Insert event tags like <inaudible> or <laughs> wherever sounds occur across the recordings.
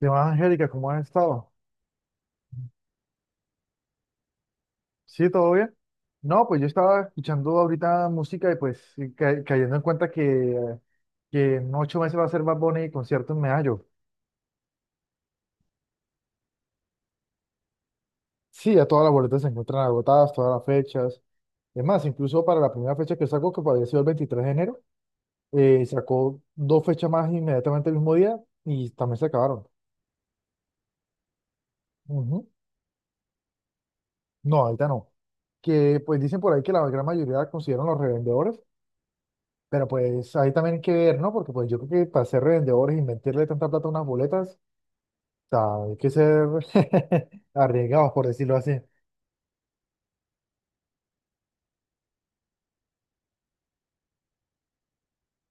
¿Qué más, Angélica? ¿Cómo has estado? ¿Sí, todo bien? No, pues yo estaba escuchando ahorita música y cayendo en cuenta eh, que en ocho meses va a ser Bad Bunny y concierto en Medallo. Sí, ya todas las boletas se encuentran agotadas, todas las fechas. Es más, incluso para la primera fecha que sacó, que había sido el 23 de enero, sacó dos fechas más inmediatamente el mismo día y también se acabaron. Ujú. No, ahorita no. Que pues dicen por ahí que la gran mayoría la consideran los revendedores. Pero pues ahí también hay que ver, ¿no? Porque pues yo creo que para ser revendedores y invertirle tanta plata a unas boletas, o sea, hay que ser <laughs> arriesgados, por decirlo así.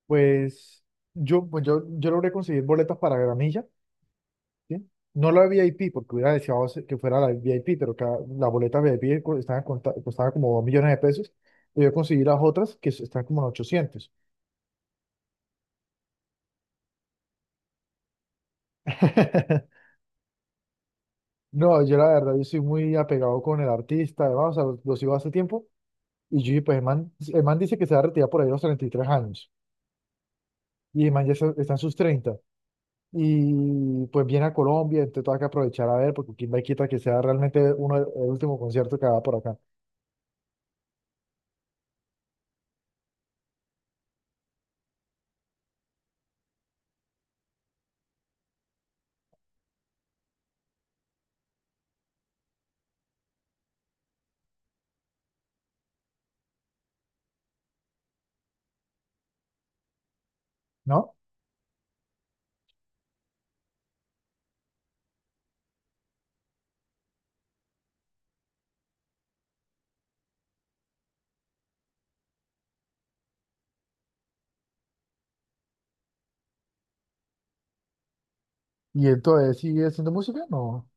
Pues pues yo logré conseguir boletas para gramilla, ¿sí? No la VIP, porque que fuera la VIP, pero la boleta VIP costaba como 2 millones de pesos. Y yo conseguí las otras que están como en ochocientos. <laughs> No, yo la verdad, yo soy muy apegado con el artista, además, o sea, los sigo hace tiempo. Y yo dije, pues el man dice que se va a retirar por ahí a los 33 años. Y el man está en sus treinta. Y pues viene a Colombia, entonces tengo que aprovechar a ver, porque quién va y quita que sea realmente uno, el último concierto que haga por acá, ¿no? Y entonces, ¿sigue haciendo música? No.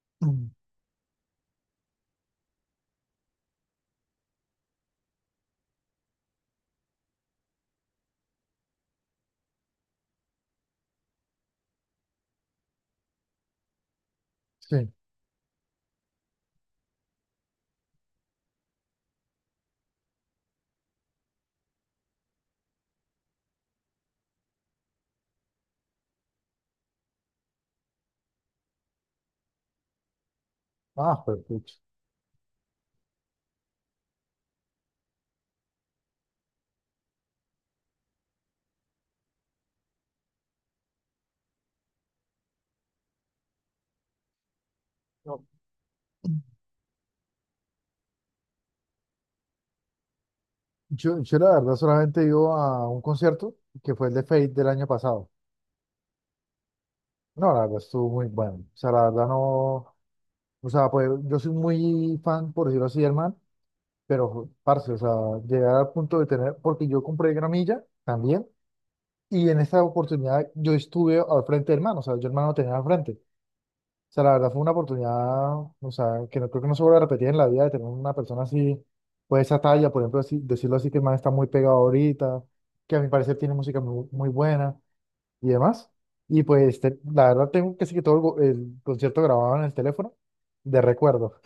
<clears throat> Mm. Sí. Ah, perfecto. No. Yo la verdad solamente he ido a un concierto que fue el de Fate del año pasado. No, la verdad estuvo muy bueno. O sea, la verdad no. O sea, pues yo soy muy fan, por decirlo así, hermano. Pero, parce, o sea, llegar al punto de tener, porque yo compré gramilla también, y en esta oportunidad yo estuve al frente del hermano, o sea, yo hermano lo tenía al frente. O sea, la verdad fue una oportunidad, o sea, que no creo que no se vuelva a repetir en la vida de tener una persona así, pues esa talla, por ejemplo, así, decirlo así, que el man está muy pegado ahorita, que a mi parecer tiene música muy buena y demás. Y pues, la verdad tengo casi que todo el concierto grabado en el teléfono de recuerdo.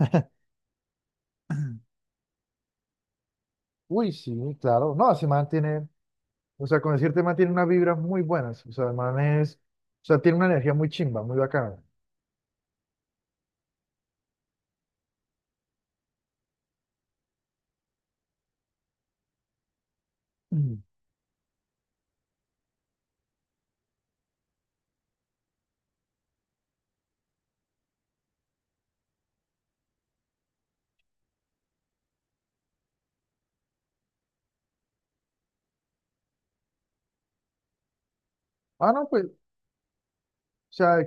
<laughs> Uy, sí, claro. No, ese man tiene. O sea, con decirte, man, tiene unas vibras muy buenas. O sea, el man es, o sea, tiene una energía muy chimba, muy bacana. Ujú. Ah, no, pues, o sea,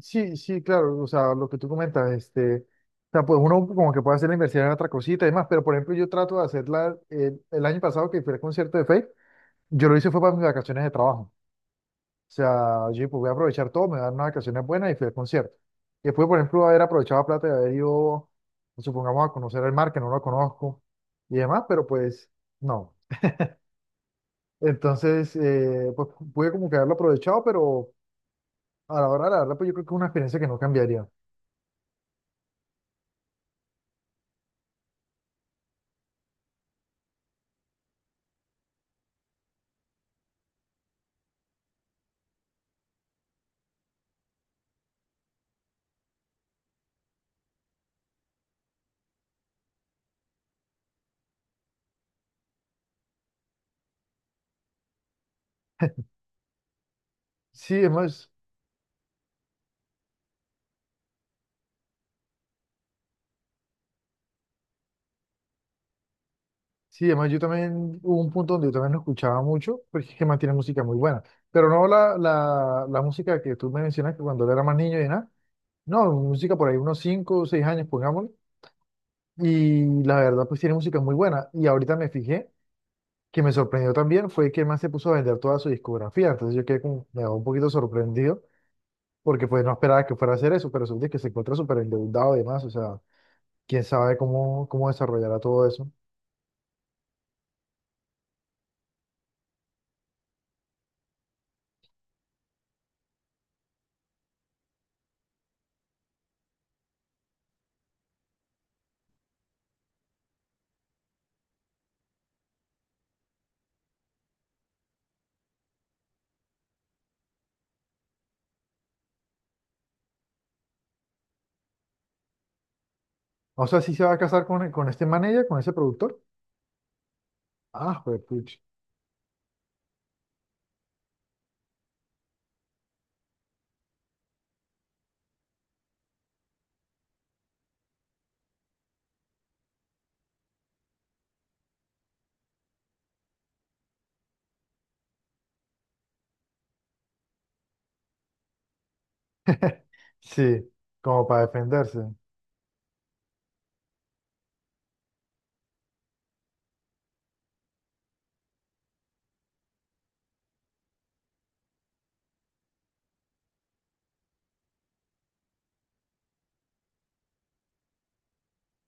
sí, sí, claro, o sea, lo que tú comentas, este, o sea, pues uno como que puede hacer la inversión en otra cosita y demás, pero por ejemplo, yo trato de hacerla, el año pasado que fui al concierto de Fate, yo lo hice fue para mis vacaciones de trabajo. O sea, yo dije, pues voy a aprovechar todo, me dan unas vacaciones buenas y fui al concierto. Y después, por ejemplo, haber aprovechado la plata de haber ido, supongamos, a conocer el mar, que no lo conozco y demás, pero pues, no. Entonces, pues pude como que haberlo aprovechado, pero a la hora de la verdad, pues yo creo que es una experiencia que no cambiaría. Sí, además, sí, además yo también, hubo un punto donde yo también lo escuchaba mucho, porque es que mantiene música muy buena, pero no la música que tú me mencionas, que cuando él era más niño y nada, no, música por ahí unos 5 o 6 años, pongámoslo, y la verdad, pues tiene música muy buena, y ahorita me fijé, que me sorprendió también, fue que más se puso a vender toda su discografía, entonces yo quedé como, me un poquito sorprendido porque pues no esperaba que fuera a hacer eso, pero resulta que se encuentra súper endeudado y demás, o sea, quién sabe cómo desarrollará todo eso. O sea, si se va a casar con este manager, con ese productor. Ah, pues pucha. <laughs> Sí, como para defenderse.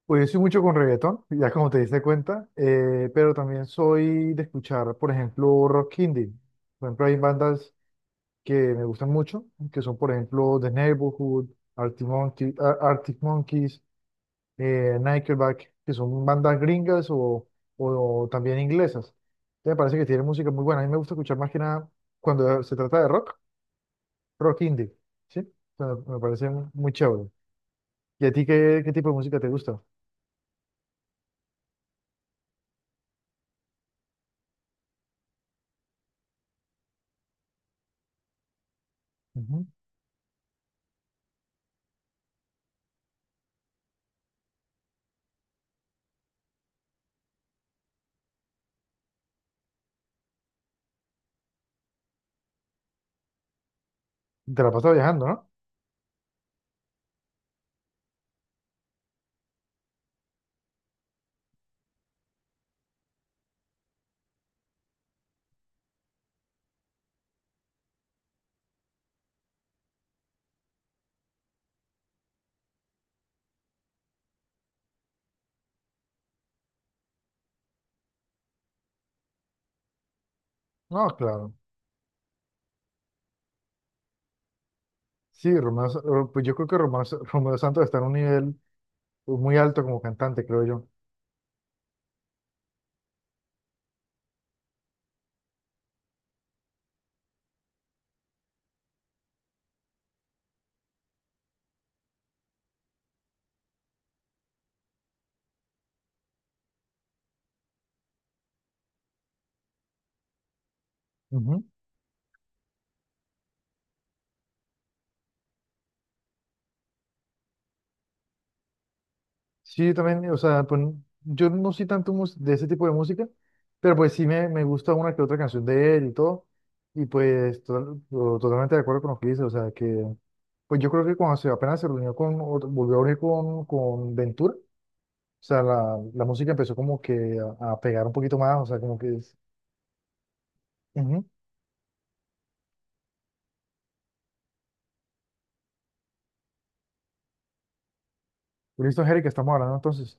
Pues yo soy mucho con reggaetón, ya como te diste cuenta, pero también soy de escuchar, por ejemplo, rock indie. Por ejemplo, hay bandas que me gustan mucho, que son, por ejemplo, The Neighborhood, Arctic Monkeys, Nickelback, que son bandas gringas o también inglesas. Entonces me parece que tienen música muy buena. A mí me gusta escuchar más que nada cuando se trata de rock, rock indie, ¿sí? O sea, me parece muy chévere. ¿Y a ti qué tipo de música te gusta? Ujú. Te la pasas viajando, ¿no? No, claro. Sí, pues yo creo que Romeo Santos está en un nivel muy alto como cantante, creo yo. Sí, yo también, o sea, pues yo no soy tanto de ese tipo de música, pero pues sí me gusta una que otra canción de él y todo, y pues totalmente de acuerdo con lo que dice, o sea, que pues yo creo que cuando apenas se reunió con, o volvió a unir con Ventura, o sea, la música empezó como que a pegar un poquito más, o sea, como que es... Ujú. Listo, Angélica, estamos hablando entonces.